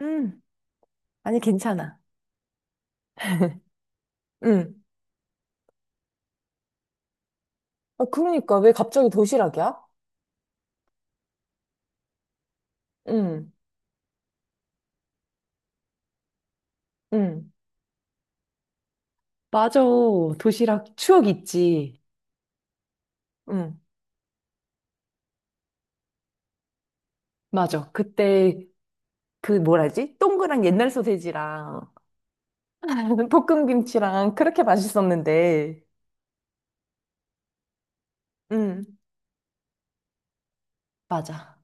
음. 아니, 괜찮아. 응. 아, 그러니까 왜 갑자기 도시락이야? 응, 응, 맞아. 도시락 추억 있지. 응. 맞아. 그때 그 뭐라지? 동그란 옛날 소세지랑 볶음김치랑 그렇게 맛있었는데. 응. 맞아.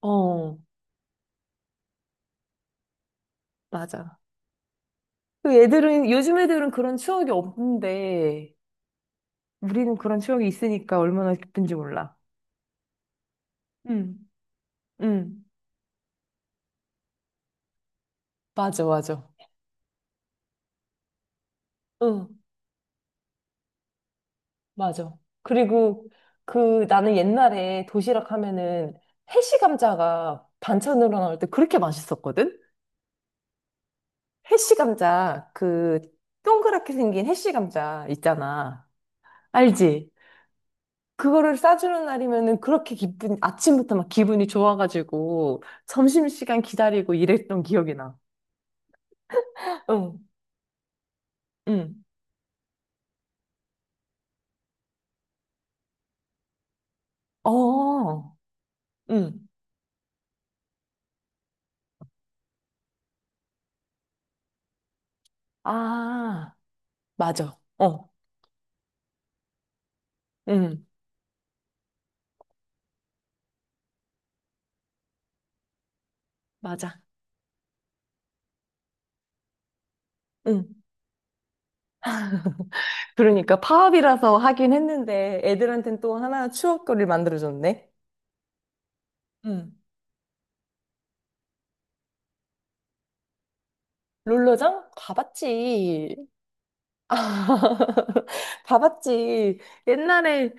어, 맞아. 그 애들은, 요즘 애들은 그런 추억이 없는데, 우리는 그런 추억이 있으니까 얼마나 기쁜지 몰라. 응, 응, 맞아. 맞아. 그리고 그 나는 옛날에 도시락 하면은 해시 감자가 반찬으로 나올 때 그렇게 맛있었거든? 해시 감자, 그 동그랗게 생긴 해시 감자 있잖아. 알지? 그거를 싸주는 날이면은 그렇게 기분, 아침부터 막 기분이 좋아가지고 점심시간 기다리고 이랬던 기억이 나. 응, 응. 어, 응. 아, 맞아. 어, 응. 맞아. 응. 그러니까 파업이라서 하긴 했는데 애들한텐 또 하나 추억거리를 만들어줬네. 응. 롤러장? 가봤지. 봐봤지. 옛날에,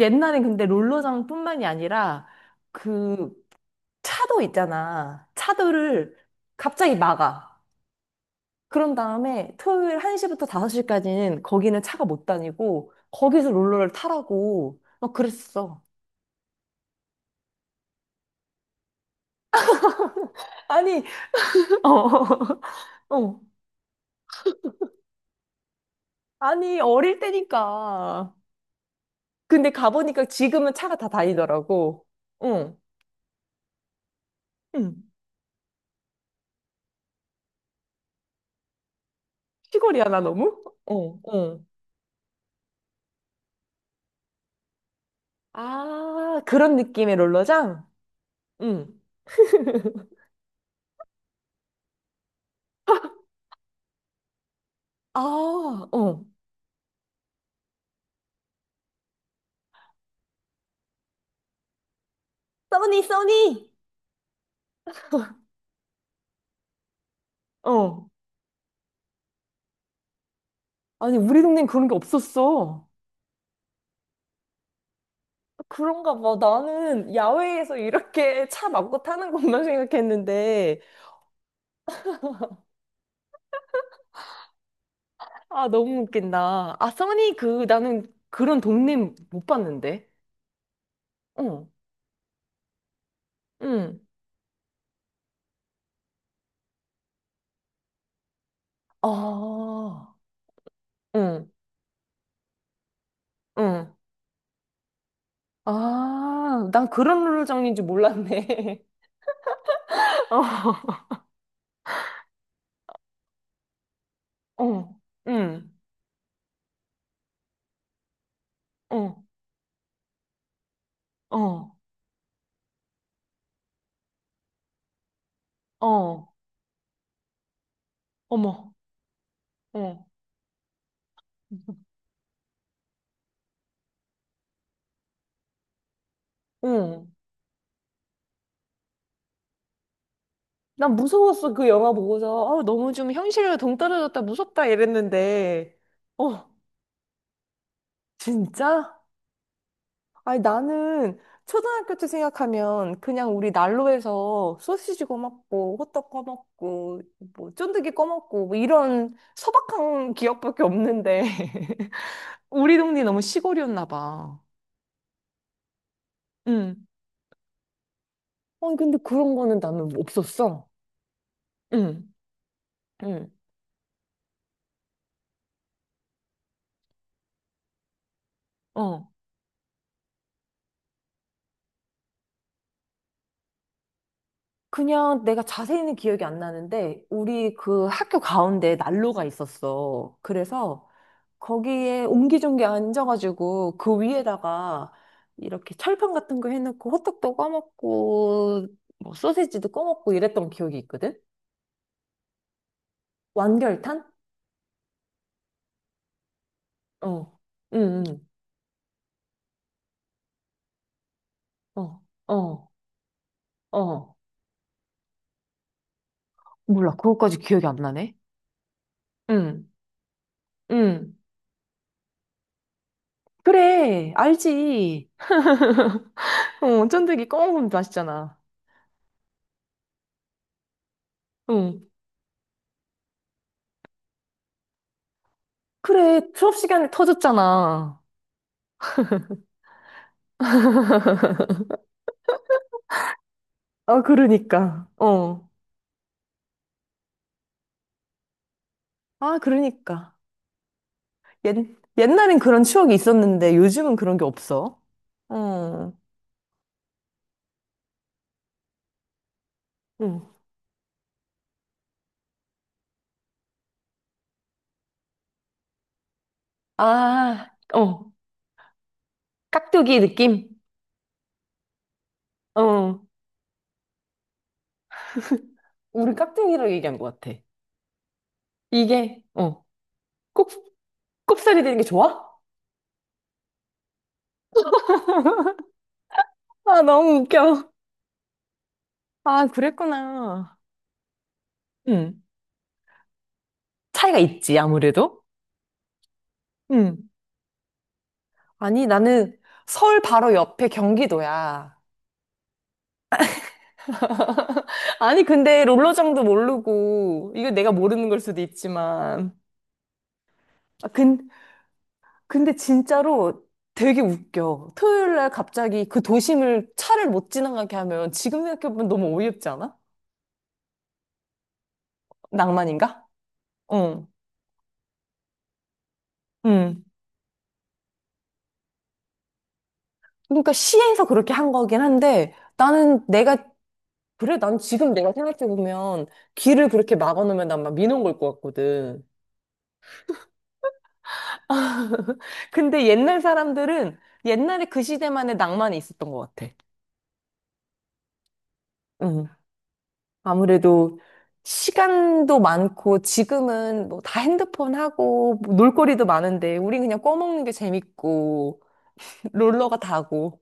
옛날에 근데 롤러장뿐만이 아니라 그 차도 있잖아. 차도를 갑자기 막아. 그런 다음에 토요일 1시부터 5시까지는 거기는 차가 못 다니고 거기서 롤러를 타라고 막 그랬어. 아니, 어, 어. 아니, 어릴 때니까. 근데 가보니까 지금은 차가 다 다니더라고. 응, 응. 시골이야, 나 너무? 어, 어. 아, 그런 느낌의 롤러장? 응. 아, 어. 써니, 써니! 어. 아니, 우리 동네엔 그런 게 없었어. 그런가 봐. 나는 야외에서 이렇게 차 막고 타는 것만 생각했는데. 아, 너무 웃긴다. 아, 써니, 그, 나는 그런 동네 못 봤는데. 어, 응. 아, 응, 응. 아, 난 그런 룰 정리인지 몰랐네. 어, 어, 응, 어, 어, 어, 어머, 어, 응. 난 무서웠어, 그 영화 보고서. 어, 너무 좀 현실과 동떨어졌다, 무섭다 이랬는데, 어, 진짜? 아니, 나는 초등학교 때 생각하면 그냥 우리 난로에서 소시지 꺼먹고, 호떡 꺼먹고, 뭐, 쫀득이 꺼먹고, 뭐 이런 소박한 기억밖에 없는데. 우리 동네 너무 시골이었나 봐. 응, 아니, 근데 그런 거는 나는 없었어. 응, 응. 어. 그냥 내가 자세히는 기억이 안 나는데, 우리 그 학교 가운데 난로가 있었어. 그래서 거기에 옹기종기 앉아가지고 그 위에다가 이렇게 철판 같은 거 해놓고 호떡도 꺼먹고 뭐 소세지도 꺼먹고 이랬던 기억이 있거든? 완결탄? 어, 응, 응, 어, 어, 어. 몰라, 그것까지 기억이 안 나네. 응, 응. 그래, 알지. 어, 쫀득이 꺼먹으면 맛있잖아. 응. 그래, 수업 시간에 터졌잖아. 아, 그러니까. 어. 아, 그러니까. 옛, 옛날엔 그런 추억이 있었는데 요즘은 그런 게 없어. 어, 응. 아, 어, 깍두기 느낌? 어, 우리 깍두기로 얘기한 것 같아. 이게, 어, 꼽, 꼽살이 되는 게 좋아? 아, 너무 웃겨. 아, 그랬구나. 응. 차이가 있지, 아무래도. 응. 아니, 나는 서울 바로 옆에 경기도야. 아니, 근데 롤러장도 모르고, 이거 내가 모르는 걸 수도 있지만. 아, 근데 진짜로 되게 웃겨. 토요일 날 갑자기 그 도심을 차를 못 지나가게 하면 지금 생각해보면 너무 어이없지 않아? 낭만인가? 응, 응. 그러니까 시에서 그렇게 한 거긴 한데 나는 내가 그래, 난 지금 내가 생각해보면 길을 그렇게 막아놓으면 난 막 민원 걸 것 같거든. 근데 옛날 사람들은 옛날에 그 시대만의 낭만이 있었던 것 같아. 응. 아무래도 시간도 많고 지금은 뭐 다 핸드폰 하고 뭐 놀거리도 많은데 우린 그냥 꺼먹는 게 재밌고 롤러가 다고.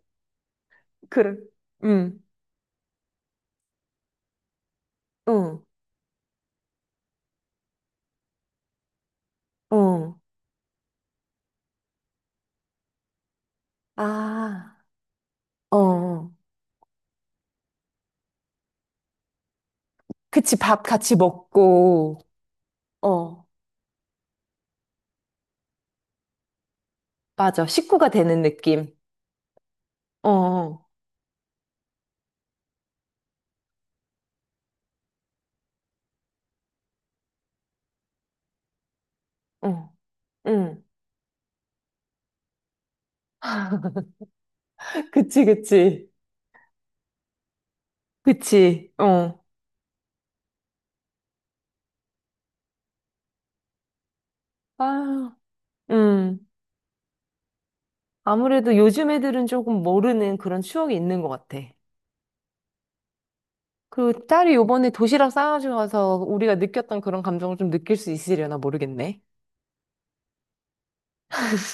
그래. 응, 응, 어, 아, 어. 그치, 밥 같이 먹고, 어, 맞아. 식구가 되는 느낌. 어, 어, 어, 응. 그치, 그치. 그치, 어. 아, 음. 아무래도 요즘 애들은 조금 모르는 그런 추억이 있는 것 같아. 그 딸이 요번에 도시락 싸가지고 가서 우리가 느꼈던 그런 감정을 좀 느낄 수 있으려나 모르겠네.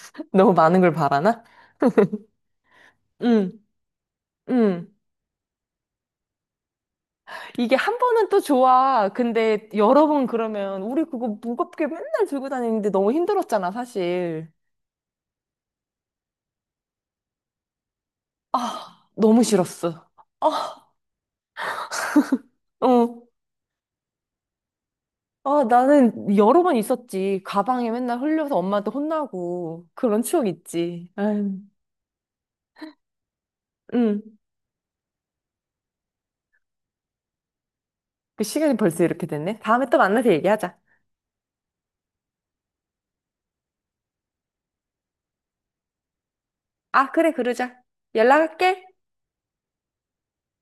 너무 많은 걸 바라나? 응, 응. 이게 한 번은 또 좋아. 근데 여러 번 그러면 우리 그거 무겁게 맨날 들고 다니는데 너무 힘들었잖아, 사실. 아, 너무 싫었어. 아, 어. 아, 나는 여러 번 있었지. 가방에 맨날 흘려서 엄마한테 혼나고. 그런 추억 있지. 아유, 응. 그 시간이 벌써 이렇게 됐네. 다음에 또 만나서 얘기하자. 아, 그래, 그러자. 연락할게.